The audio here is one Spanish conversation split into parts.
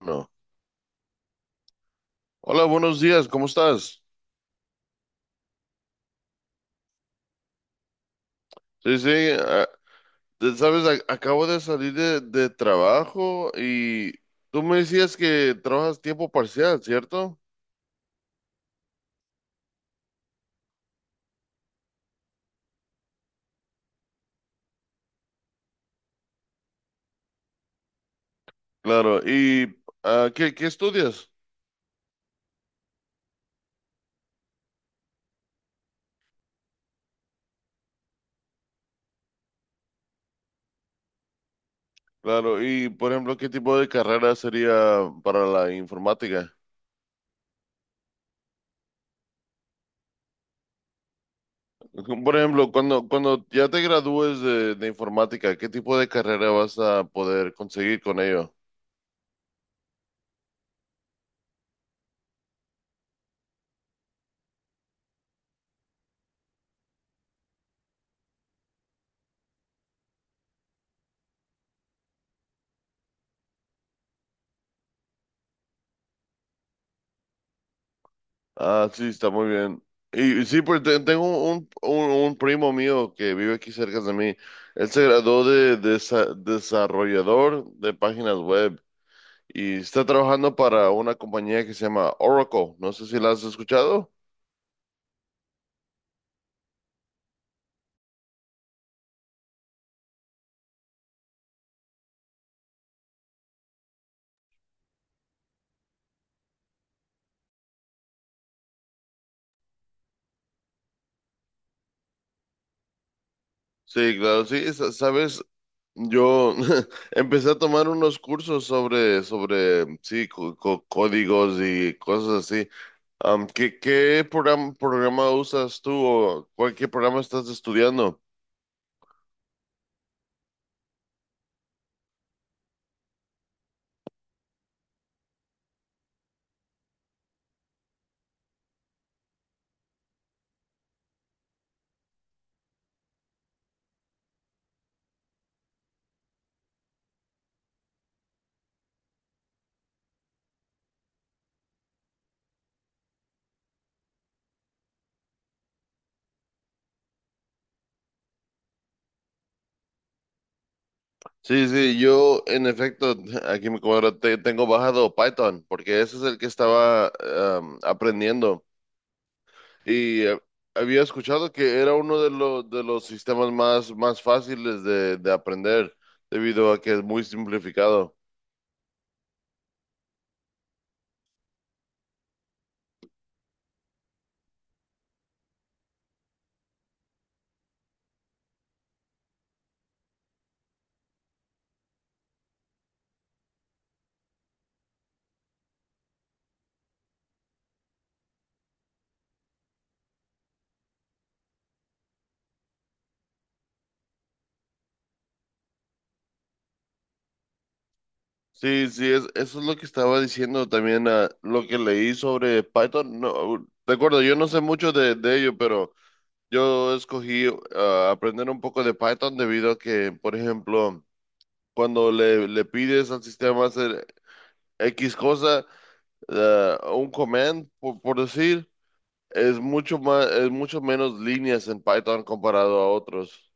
No. Hola, buenos días, ¿cómo estás? Sí, sí, ah, sabes, acabo de salir de trabajo, y tú me decías que trabajas tiempo parcial, ¿cierto? Claro, y ¿qué estudias? Claro, y por ejemplo, ¿qué tipo de carrera sería para la informática? Por ejemplo, cuando ya te gradúes de informática, ¿qué tipo de carrera vas a poder conseguir con ello? Ah, sí, está muy bien. Y sí, pues tengo un primo mío que vive aquí cerca de mí. Él se graduó desarrollador de páginas web y está trabajando para una compañía que se llama Oracle. No sé si la has escuchado. Sí, claro, sí, sabes, yo empecé a tomar unos cursos sobre, sí, códigos y cosas así. ¿Qué programa usas tú? O cuál, ¿qué programa estás estudiando? Sí, sí, yo en efecto, aquí me cuadra, tengo bajado Python, porque ese es el que estaba aprendiendo. Y había escuchado que era uno de los sistemas más fáciles de aprender, debido a que es muy simplificado. Sí, sí, eso es lo que estaba diciendo también, lo que leí sobre Python. No, de acuerdo, yo no sé mucho de ello, pero yo escogí aprender un poco de Python debido a que, por ejemplo, cuando le pides al sistema hacer X cosa, un command, por decir, es mucho menos líneas en Python comparado a otros.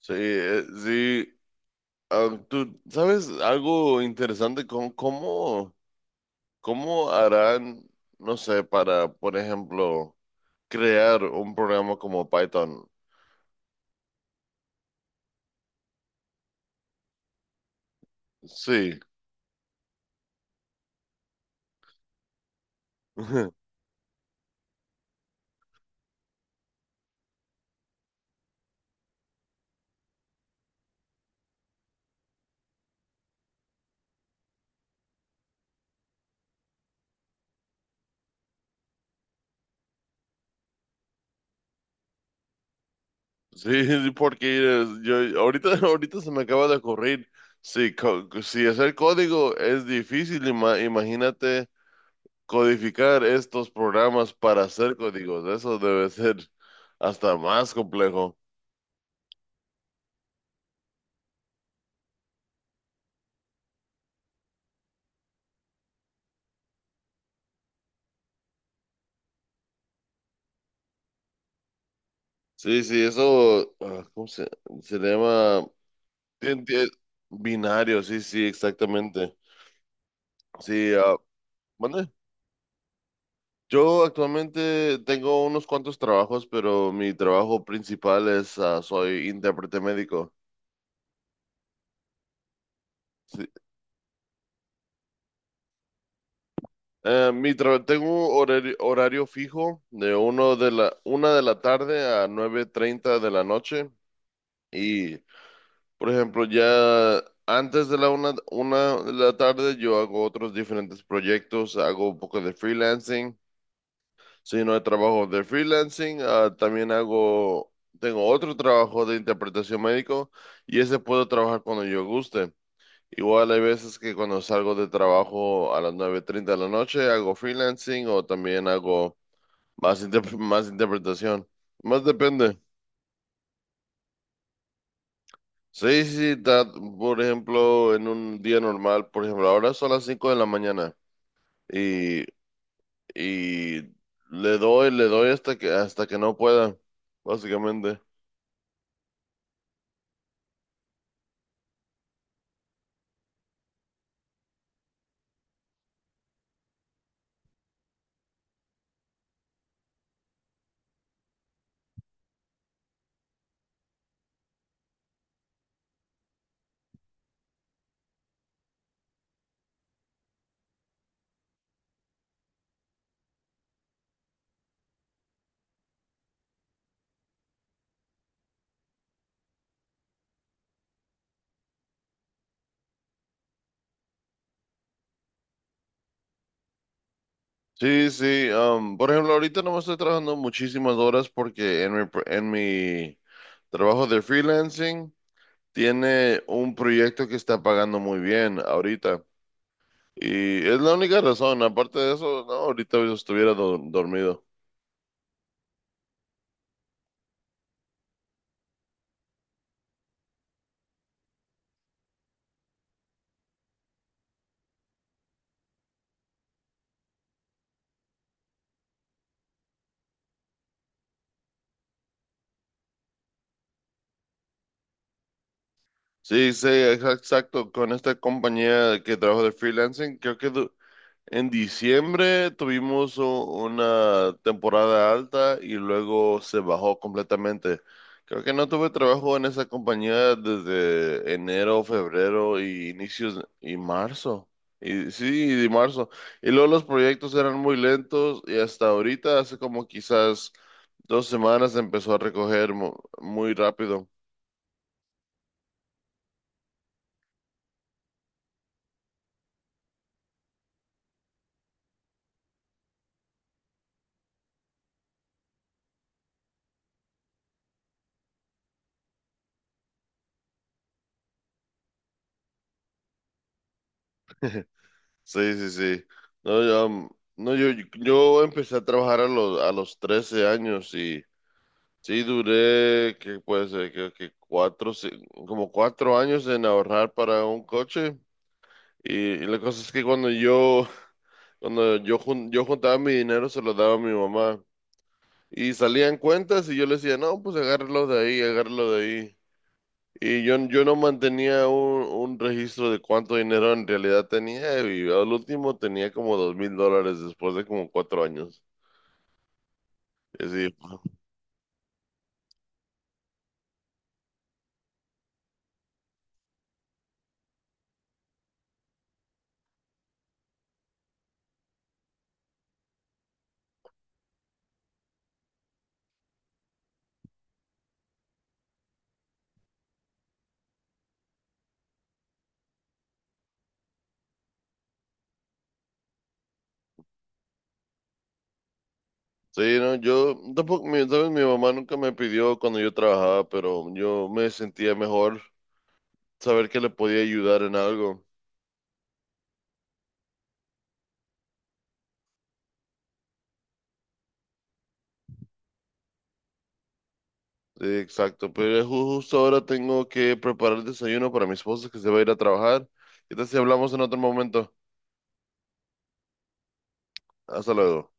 Sí, sí. Ah, ¿tú sabes algo interesante con cómo harán, no sé, para, por ejemplo, crear un programa como Python? Sí. Sí, sí, porque yo ahorita, ahorita se me acaba de ocurrir, si, si hacer código es difícil, imagínate codificar estos programas para hacer códigos, eso debe ser hasta más complejo. Sí, sí, eso, ¿cómo se le llama? Tien- tie- Binario, sí, sí, exactamente. Sí, ¿mande? Yo actualmente tengo unos cuantos trabajos, pero mi trabajo principal soy intérprete médico. Sí. Tengo horario fijo de uno de la una de la tarde a 9:30 de la noche, y por ejemplo ya antes de la una de la tarde yo hago otros diferentes proyectos, hago un poco de freelancing. Si no hay trabajo de freelancing, tengo otro trabajo de interpretación médico, y ese puedo trabajar cuando yo guste. Igual hay veces que cuando salgo de trabajo a las 9:30 de la noche hago freelancing, o también hago más interpretación. Más depende. Sí, sí, sí, por ejemplo, en un día normal, por ejemplo, ahora son las 5 de la mañana, y, y le doy hasta que no pueda, básicamente. Sí, sí, por ejemplo, ahorita no me estoy trabajando muchísimas horas porque en mi trabajo de freelancing. Tiene un proyecto que está pagando muy bien ahorita. Y es la única razón. Aparte de eso, no, ahorita yo estuviera dormido. Sí, sí, exacto. Con esta compañía que trabajo de freelancing, creo que en diciembre tuvimos una temporada alta y luego se bajó completamente. Creo que no tuve trabajo en esa compañía desde enero, febrero y inicios y marzo. Y sí, y de marzo. Y luego los proyectos eran muy lentos, y hasta ahorita, hace como quizás 2 semanas, empezó a recoger muy rápido. Sí, sí, sí. No, yo, um, no, yo empecé a trabajar a los 13 años. Sí, duré, que puede ser? Creo que como 4 años en ahorrar para un coche. Y la cosa es que yo juntaba mi dinero, se lo daba a mi mamá. Y salían cuentas y yo le decía, no, pues agárralo de ahí, agárralo de ahí. Y yo no mantenía un registro de cuánto dinero en realidad tenía. Y al último tenía como $2,000 después de como 4 años. Y así. Sí, no, yo tampoco, sabes, mi mamá nunca me pidió cuando yo trabajaba, pero yo me sentía mejor saber que le podía ayudar en algo. Sí, exacto, pero justo ahora tengo que preparar el desayuno para mi esposa, que se va a ir a trabajar. ¿Qué tal si hablamos en otro momento? Hasta luego.